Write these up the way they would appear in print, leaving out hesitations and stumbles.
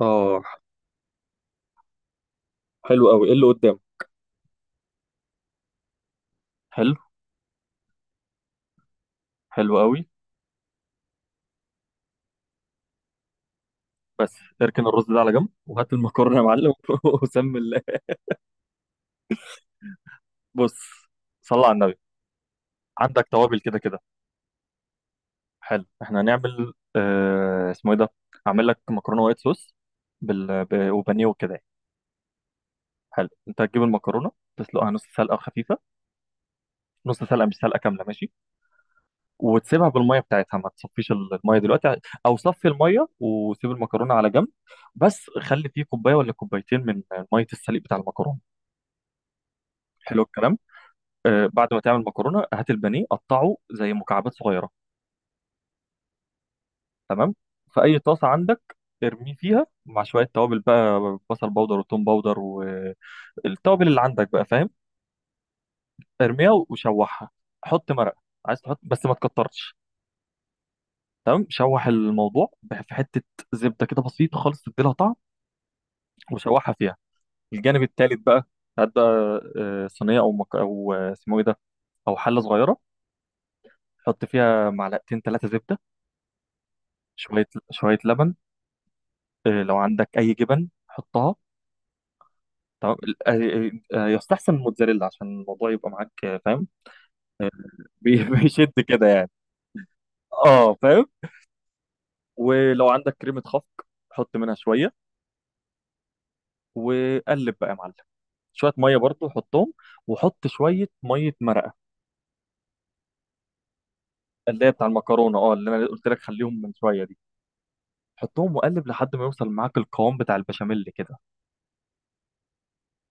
اه، حلو قوي. ايه اللي قدام؟ حلو. حلو قوي. بس اركن الرز ده على جنب وهات المكرونه يا معلم. وسم الله. بص، صلى على النبي. عندك توابل كده كده؟ حلو، احنا هنعمل اسمه ايه ده، هعمل لك مكرونه وايت صوص وبانيه وكده يعني. حلو. انت هتجيب المكرونه تسلقها نص سلقه خفيفه، نص سلقه مش سلقه كامله، ماشي. وتسيبها بالميه بتاعتها، ما تصفيش الميه دلوقتي، او صفي الميه وسيب المكرونه على جنب، بس خلي فيه كوبايه ولا كوبايتين من ميه السليق بتاع المكرونه. حلو الكلام. بعد ما تعمل مكرونه هات البانيه قطعه زي مكعبات صغيره. تمام. في اي طاسه عندك ارميه فيها مع شويه توابل بقى، بصل باودر وتوم باودر والتوابل اللي عندك بقى، فاهم؟ ارميها وشوحها. حط مرقه، عايز تحط بس ما تكترش. تمام، شوح الموضوع في حته زبده كده بسيطه خالص تديلها طعم، وشوحها فيها. الجانب التالت بقى، هات بقى صينيه او مك... او آه، اسمه ايه ده، او حله صغيره. حط فيها معلقتين ثلاثه زبده، شويه شويه لبن، لو عندك اي جبن حطها. تمام. يستحسن الموتزاريلا عشان الموضوع يبقى معاك، فاهم؟ آه، بي- بيشد كده يعني. اه فاهم. ولو عندك كريمة خفق حط منها شوية، وقلب بقى يا معلم. شوية مية برضو حطهم، وحط شوية مية مرقة، اللي هي بتاع المكرونة، اللي انا قلت لك خليهم من شوية دي، حطهم وقلب لحد ما يوصل معاك القوام بتاع البشاميل كده.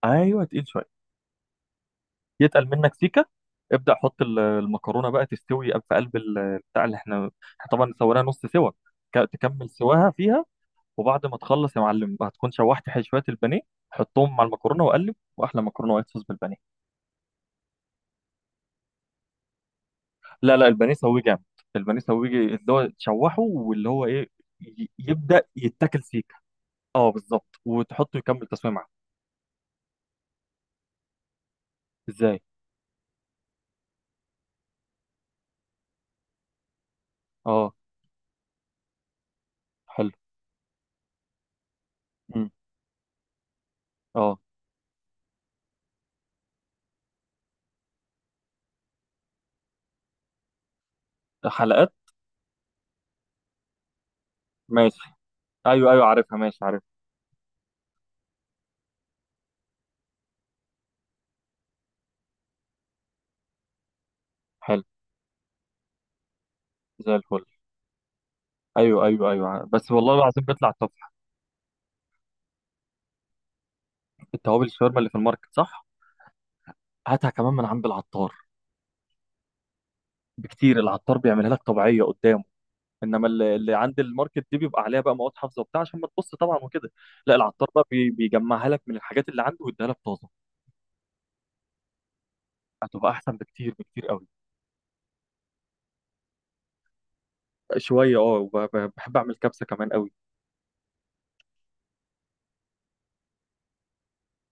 ايوه، تقيل شوية، يتقل منك سيكه ابدا. حط المكرونه بقى تستوي في قلب بتاع اللي احنا، احنا طبعا سويناها نص سوا، تكمل سواها فيها. وبعد ما تخلص يا معلم هتكون شوحت شويه البانيه، حطهم مع المكرونه وقلب، واحلى مكرونه وايت صوص بالبانيه. لا، لا، البانيه سويه جامد. البانيه سويه اللي هو تشوحه واللي هو ايه، يبدا يتاكل سيكه. اه بالظبط، وتحطه يكمل تسويه معاه. ازاي؟ اه. حلو. مم. اه حلقات. ماشي، ايوه ايوه، عارفها، ماشي، عارف. حلو، زي الفل. ايوه ايوه ايوه، بس والله العظيم بيطلع تحفه. التوابل الشاورما اللي في الماركت، صح؟ هاتها كمان من عند العطار بكتير، العطار بيعملها لك طبيعيه قدامه. انما اللي عند الماركت دي بيبقى عليها بقى مواد حافظه وبتاع، عشان ما تبص طبعا وكده. لا، العطار بقى بيجمعها لك من الحاجات اللي عنده ويديها لك طازه. هتبقى احسن بكتير، بكتير قوي. شويه، بحب اعمل كبسه كمان قوي.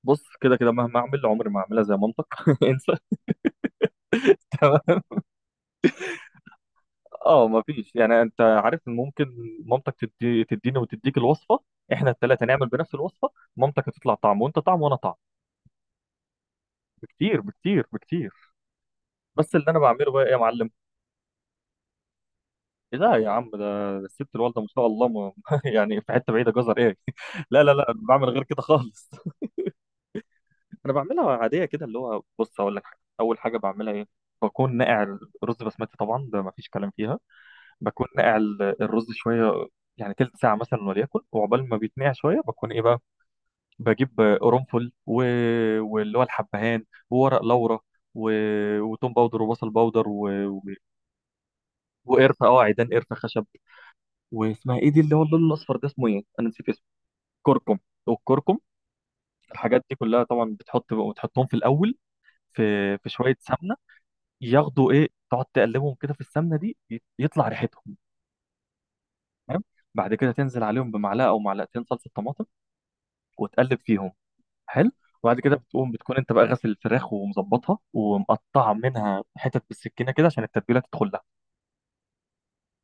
بص، كده كده مهما اعمل عمري ما اعملها زي مامتك انسى. اه مفيش، يعني انت عارف إن ممكن مامتك تديني وتديك الوصفه، احنا الثلاثه نعمل بنفس الوصفه، مامتك هتطلع طعم وانت طعم وانا طعم. بكتير، بكتير، بكتير. بس اللي انا بعمله بقى ايه يا معلم؟ لا يا عم، ده الست الوالده ما شاء الله، ما يعني في حته بعيده، جزر ايه؟ لا لا لا، بعمل غير كده خالص. انا بعملها عاديه كده، اللي هو بص اقول لك حاجه، اول حاجه بعملها ايه، بكون ناقع الرز بسمتي طبعا، ده مفيش كلام فيها. بكون ناقع الرز شويه، يعني تلت ساعه مثلا وليكن، وعقبال ما بيتنقع شويه بكون ايه بقى، بجيب قرنفل واللي هو الحبهان وورق لورا، و... وتوم باودر وبصل باودر وقرفه، اه، عيدان قرفه خشب. واسمها ايه دي اللي هو اللون الاصفر ده، اسمه ايه؟ انا نسيت اسمه. كركم، والكركم. الحاجات دي كلها طبعا بتحطهم في الاول في في شويه سمنه، ياخدوا ايه، تقعد تقلبهم كده في السمنه دي، يطلع ريحتهم. تمام، بعد كده تنزل عليهم بمعلقه او معلقتين صلصه طماطم وتقلب فيهم. حلو. وبعد كده بتقوم، بتكون انت بقى غاسل الفراخ ومظبطها ومقطع منها حتت بالسكينه كده عشان التتبيله تدخل لها،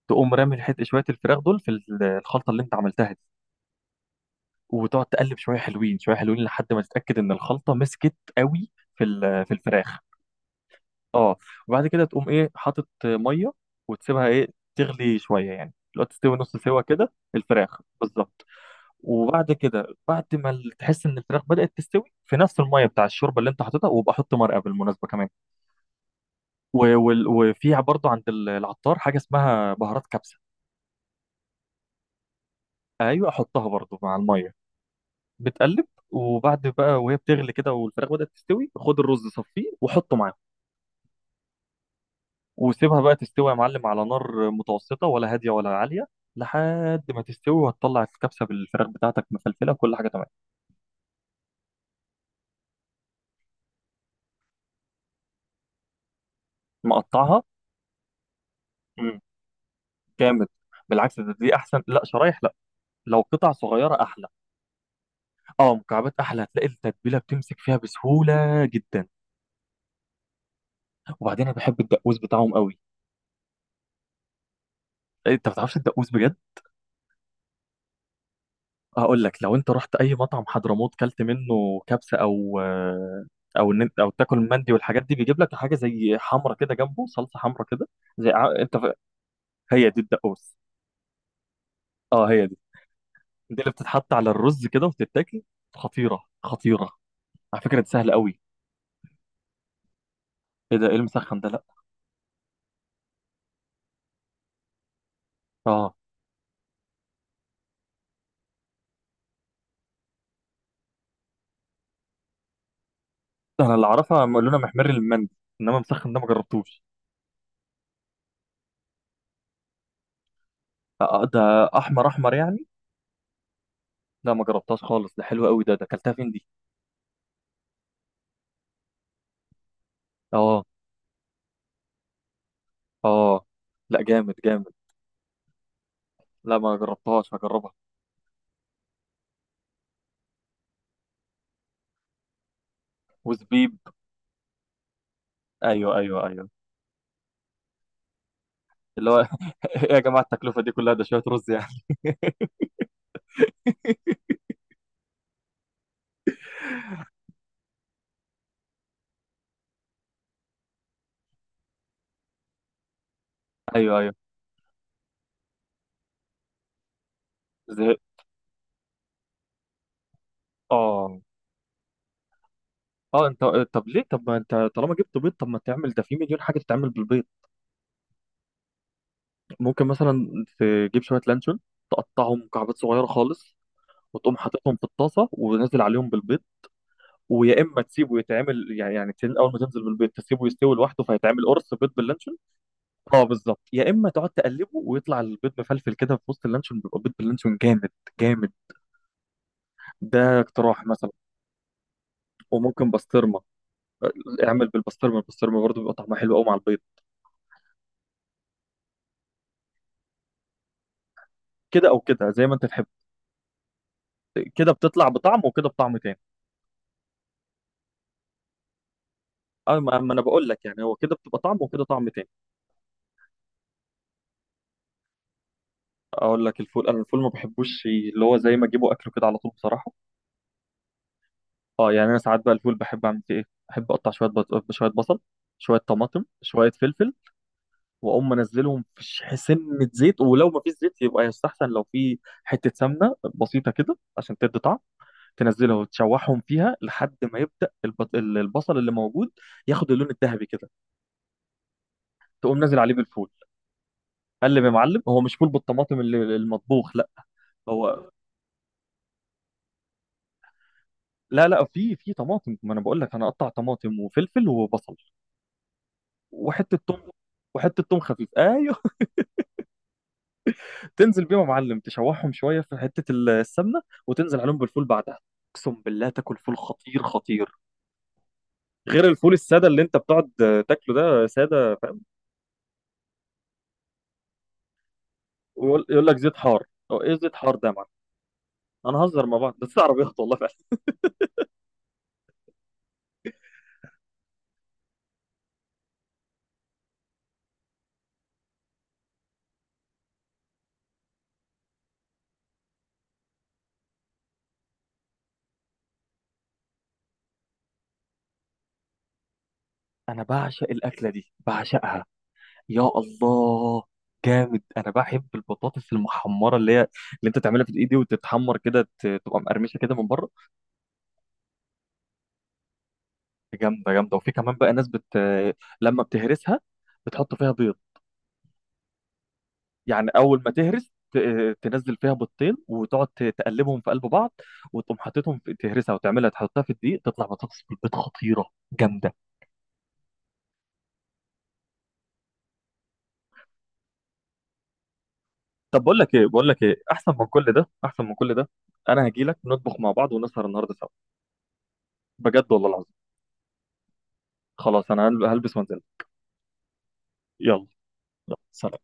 تقوم رامي الحت شويه الفراخ دول في الخلطه اللي انت عملتها دي، وتقعد تقلب شويه حلوين، شويه حلوين، لحد ما تتاكد ان الخلطه مسكت قوي في الفراخ. اه. وبعد كده تقوم ايه، حاطط ميه وتسيبها ايه، تغلي شويه، يعني لو تستوي نص سوا كده الفراخ بالظبط. وبعد كده بعد ما تحس ان الفراخ بدأت تستوي، في نفس الميه بتاع الشوربه اللي انت حاططها، وابقى حط مرقه بالمناسبه كمان. وفيها برضو عند العطار حاجة اسمها بهارات كبسة. أيوة، أحطها برضو مع المية، بتقلب. وبعد بقى، وهي بتغلي كده والفراخ بدأت تستوي، خد الرز صفيه وحطه معاهم، وسيبها بقى تستوي يا معلم على نار متوسطة ولا هادية ولا عالية، لحد ما تستوي، وهتطلع الكبسة بالفراخ بتاعتك مفلفلة، كل حاجة تمام. مقطعها. مم. جامد، بالعكس ده، دي أحسن، لا شرايح لا، لو قطع صغيرة أحلى. اه، مكعبات أحلى، هتلاقي التتبيلة بتمسك فيها بسهولة جدا. وبعدين أنا بحب الدقوس بتاعهم قوي. إيه، انت ما بتعرفش الدقوس بجد؟ هقول لك، لو انت رحت اي مطعم حضرموت كلت منه كبسه او، او تاكل مندي والحاجات دي، بيجيب لك حاجه زي حمرة كده جنبه، صلصه حمرة كده، زي ع- انت ف... هي دي الدقوس. اه هي دي، دي اللي بتتحط على الرز كده وتتاكل، خطيره، خطيره. على فكره دي سهله قوي. ايه المسخن ده؟ لا. اه انا اللي اعرفها لونها محمر المندي، انما مسخن ده ما جربتوش. ده احمر احمر يعني. لا ما جربتهاش خالص، ده حلو قوي ده اكلتها فين دي؟ اه. اه. لا جامد، جامد. لا ما جربتهاش، هجربها. وزبيب. ايوه ايوه ايوه، اللي هو ايه يا جماعه التكلفه دي كلها، ده شويه رز يعني. ايوه، ايوه. زهق. اه. اه انت، طب ليه؟ طب ما انت طالما جبت بيض، طب ما تعمل، ده في مليون حاجه تتعمل بالبيض. ممكن مثلا تجيب شويه لانشون، تقطعهم مكعبات صغيره خالص، وتقوم حاططهم في الطاسه ونازل عليهم بالبيض. ويا اما تسيبه يتعمل، يعني اول ما تنزل بالبيض تسيبه يستوي لوحده، فيتعمل قرص بيض باللانشون. اه بالظبط، يا اما تقعد تقلبه ويطلع البيض مفلفل كده في وسط اللانشون، بيبقى بيض باللانشون جامد، جامد. ده اقتراح مثلا. وممكن بسطرمه، اعمل بالبسطرمه، البسطرمه برضه بيبقى طعمها حلو قوي مع البيض. كده او كده زي ما انت تحب، كده بتطلع بطعم وكده بطعم تاني. اه، ما انا بقول لك يعني، هو كده بتبقى طعم وكده طعم تاني. اقول لك الفول، انا الفول ما بحبوش اللي هو زي ما اجيبه اكله كده على طول بصراحه. اه يعني، انا ساعات بقى الفول بحب اعمل فيه ايه، بحب اقطع شويه شويه بصل، شويه طماطم، شويه فلفل، واقوم منزلهم في سنه زيت، ولو ما فيش زيت يبقى يستحسن لو في حته سمنه بسيطه كده عشان تدي طعم، تنزلها وتشوحهم فيها لحد ما يبدا البصل اللي موجود ياخد اللون الذهبي كده، تقوم نازل عليه بالفول، قلب يا معلم. هو مش فول بالطماطم المطبوخ، لا. هو لا لا، في، في طماطم، ما انا بقول لك، انا اقطع طماطم وفلفل وبصل وحته توم، وحته توم خفيف، ايوه. تنزل بيهم يا معلم، تشوحهم شويه في حته السمنه، وتنزل عليهم بالفول بعدها، اقسم بالله تاكل فول خطير، خطير، غير الفول الساده اللي انت بتقعد تاكله ده ساده، فاهم. ويقول لك زيت حار، هو ايه زيت حار ده يا معلم؟ انا هزر مع بعض بس عربيات والله فعلا. انا بعشق الاكله دي، بعشقها. يا الله، جامد. انا بحب البطاطس المحمره، اللي هي اللي انت تعملها في الايد دي وتتحمر كده، تبقى مقرمشه كده من بره. جامده، جامده. وفي كمان بقى ناس بت، لما بتهرسها بتحط فيها بيض، يعني اول ما تهرس تنزل فيها بيضتين وتقعد تقلبهم في قلب بعض، وتقوم حاططهم في تهرسها وتعملها، تحطها في الدقيق، تطلع بطاطس بالبيض خطيره، جامده. طب بقول لك ايه، احسن من كل ده، احسن من كل ده، انا هجي لك نطبخ مع بعض ونسهر النهارده سوا. بجد والله العظيم. خلاص انا هلبس وانزل. يلا. يلا سلام.